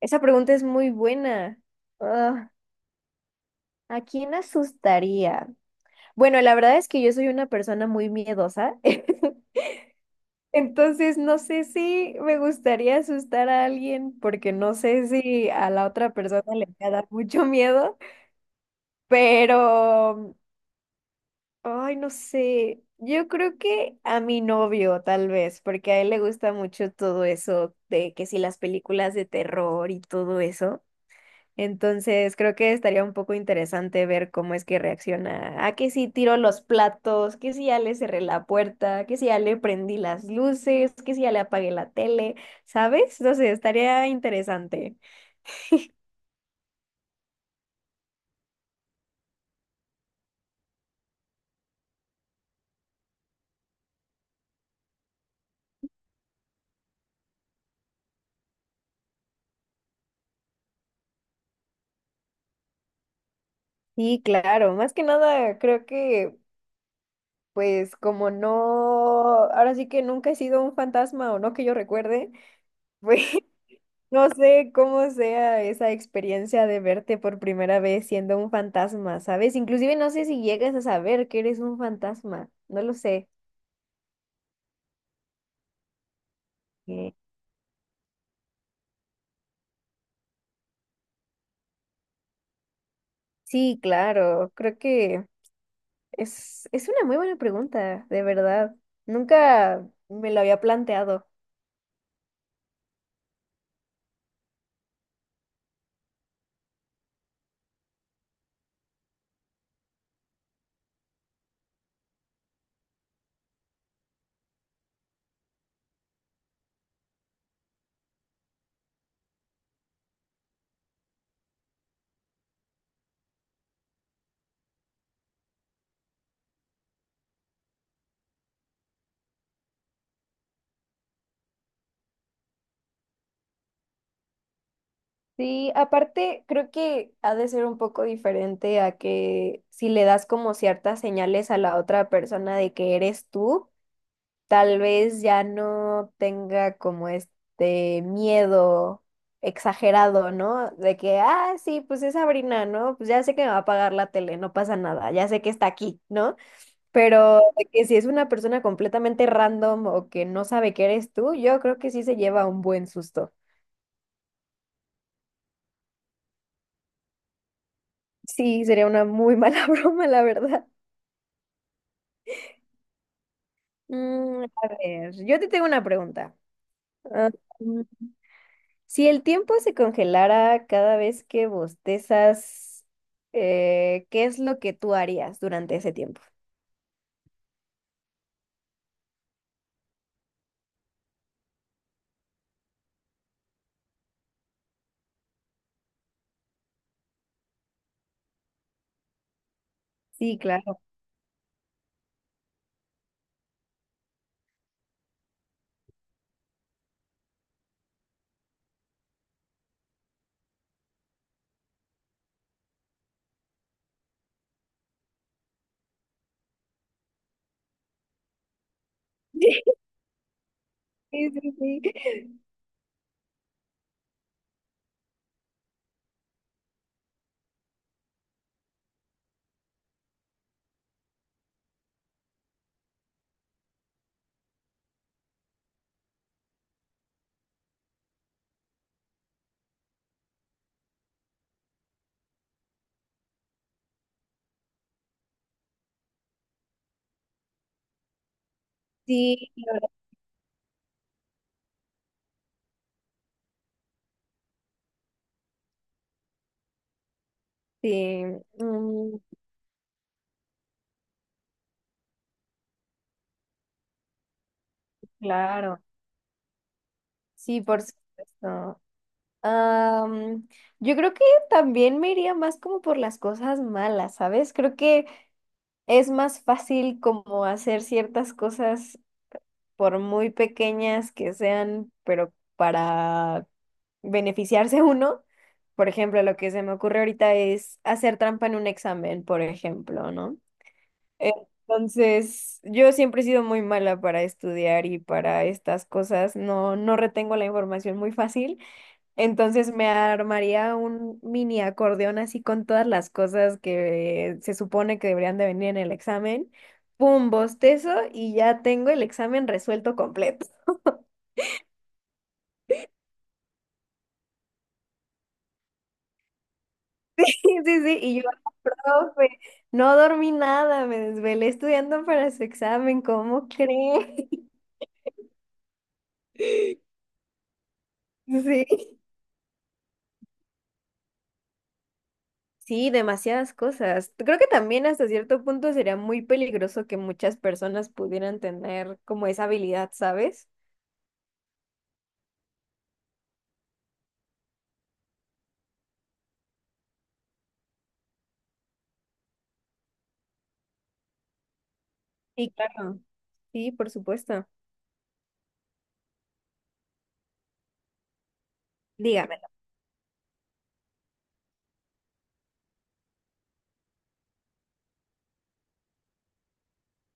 Esa pregunta es muy buena. Ah, ¿a quién asustaría? Bueno, la verdad es que yo soy una persona muy miedosa, entonces no sé si me gustaría asustar a alguien porque no sé si a la otra persona le va a dar mucho miedo, pero, ay, no sé, yo creo que a mi novio tal vez, porque a él le gusta mucho todo eso de que si las películas de terror y todo eso. Entonces, creo que estaría un poco interesante ver cómo es que reacciona. A que si tiro los platos, que si ya le cerré la puerta, que si ya le prendí las luces, que si ya le apagué la tele, ¿sabes? No sé, estaría interesante. Sí, claro, más que nada, creo que, pues, como no, ahora sí que nunca he sido un fantasma o no que yo recuerde, pues. No sé cómo sea esa experiencia de verte por primera vez siendo un fantasma, ¿sabes? Inclusive no sé si llegas a saber que eres un fantasma, no lo sé. Eh, Sí, claro, creo que es una muy buena pregunta, de verdad. Nunca me lo había planteado. Sí, aparte creo que ha de ser un poco diferente a que si le das como ciertas señales a la otra persona de que eres tú. Tal vez ya no tenga como este miedo exagerado, ¿no? De que, ah, sí, pues es Sabrina, ¿no? Pues ya sé que me va a pagar la tele, no pasa nada, ya sé que está aquí, ¿no? Pero de que si es una persona completamente random o que no sabe que eres tú, yo creo que sí se lleva un buen susto. Sí, sería una muy mala broma, la verdad. A ver, yo te tengo una pregunta. Ah, si el tiempo se congelara cada vez que bostezas, ¿qué es lo que tú harías durante ese tiempo? Sí, claro. Sí, sí, sí. Sí, la verdad, sí. Mm, claro. Sí, por supuesto. Am, yo creo que también me iría más como por las cosas malas, ¿sabes? Creo que es más fácil como hacer ciertas cosas por muy pequeñas que sean, pero para beneficiarse uno, por ejemplo, lo que se me ocurre ahorita es hacer trampa en un examen, por ejemplo, ¿no? Entonces, yo siempre he sido muy mala para estudiar y para estas cosas, no, no retengo la información muy fácil, entonces me armaría un mini acordeón así con todas las cosas que se supone que deberían de venir en el examen, pum, bostezo y ya tengo el examen resuelto completo. Sí, sí, sí, y yo, profe, no dormí nada, me desvelé estudiando para su examen, ¿cómo cree? Sí. Sí, demasiadas cosas. Creo que también hasta cierto punto sería muy peligroso que muchas personas pudieran tener como esa habilidad, ¿sabes? Sí, claro. Sí, por supuesto. Dígamelo.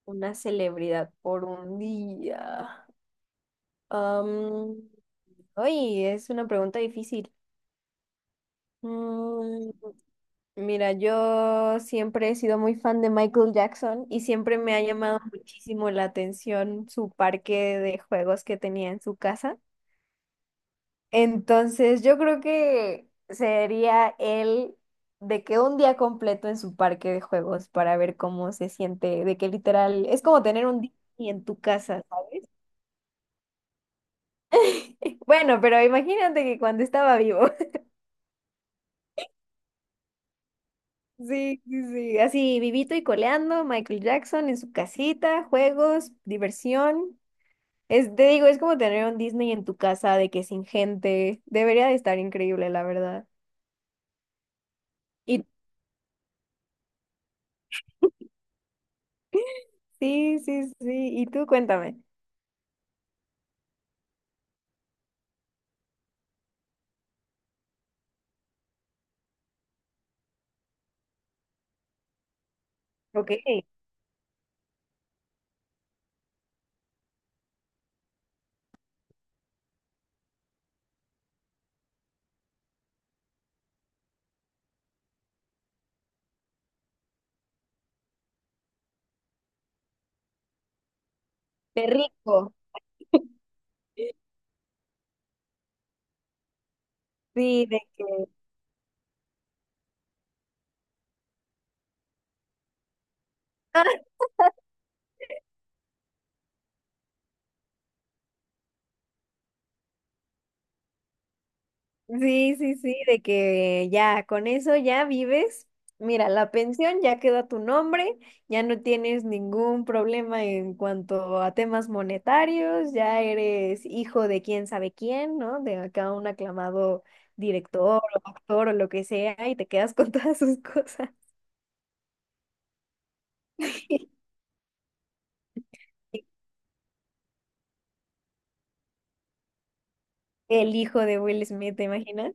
Una celebridad por un día. Am, Ay, es una pregunta difícil. Mm, Mira, yo siempre he sido muy fan de Michael Jackson y siempre me ha llamado muchísimo la atención su parque de juegos que tenía en su casa. Entonces, yo creo que sería él, de que un día completo en su parque de juegos para ver cómo se siente, de que literal es como tener un día en tu casa, ¿sabes? Bueno, pero imagínate que cuando estaba vivo. Sí, sí, sí, así vivito y coleando, Michael Jackson en su casita, juegos, diversión. Es, te digo, es como tener un Disney en tu casa de que sin gente. Debería de estar increíble, la verdad. Y sí, sí, sí. Y tú cuéntame. Ok. De rico. Sí, de que. Sí, sí, sí, de que ya con eso ya vives. Mira, la pensión ya quedó a tu nombre, ya no tienes ningún problema en cuanto a temas monetarios, ya eres hijo de quién sabe quién, ¿no? De acá un aclamado director o actor o lo que sea, y te quedas con todas sus cosas. El hijo de Will Smith, ¿te imaginas?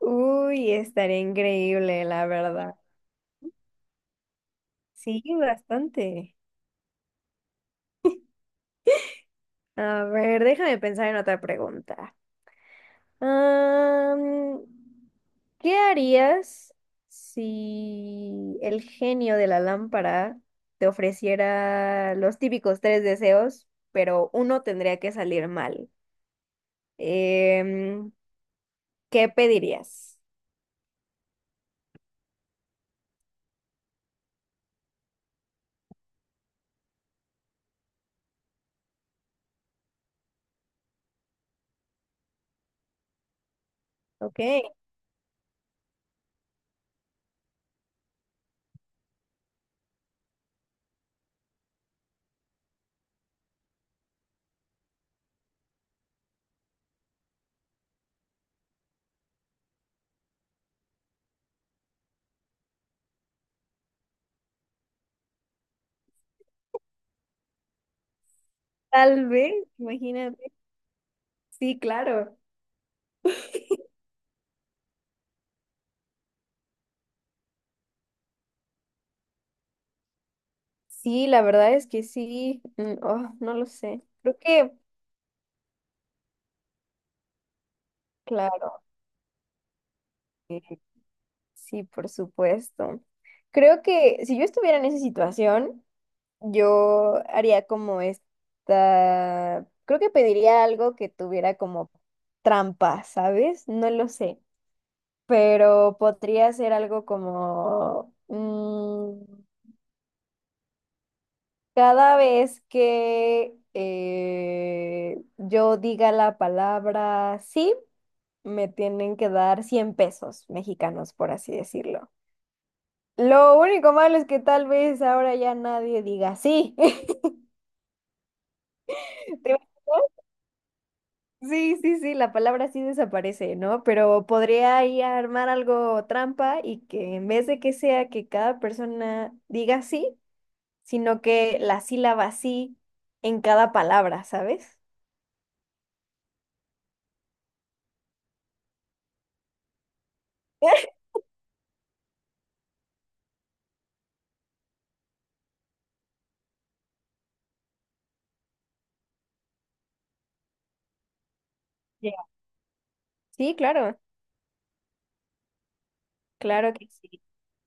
Uy, estaría increíble, la verdad. Sí, bastante. A ver, déjame pensar en otra pregunta. Am, ¿Qué harías si el genio de la lámpara te ofreciera los típicos tres deseos, pero uno tendría que salir mal? Em, ¿Qué pedirías? Ok, tal vez, imagínate. Sí, claro. Sí, la verdad es que sí. Oh, no lo sé. Creo que, claro, sí, por supuesto. Creo que si yo estuviera en esa situación, yo haría como esta, creo que pediría algo que tuviera como trampa, ¿sabes? No lo sé, pero podría ser algo como cada vez que yo diga la palabra sí, me tienen que dar 100 pesos mexicanos, por así decirlo. Lo único malo es que tal vez ahora ya nadie diga sí. ¿Te Sí, sí, sí, la palabra sí desaparece, ¿no? Pero podría ahí armar algo trampa y que en vez de que sea que cada persona diga sí, sino que la sílaba sí en cada palabra, ¿sabes? Ya. Sí, claro, claro que sí.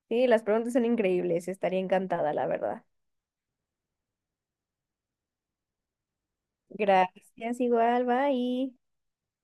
Sí, las preguntas son increíbles, estaría encantada, la verdad. Gracias, igual, bye.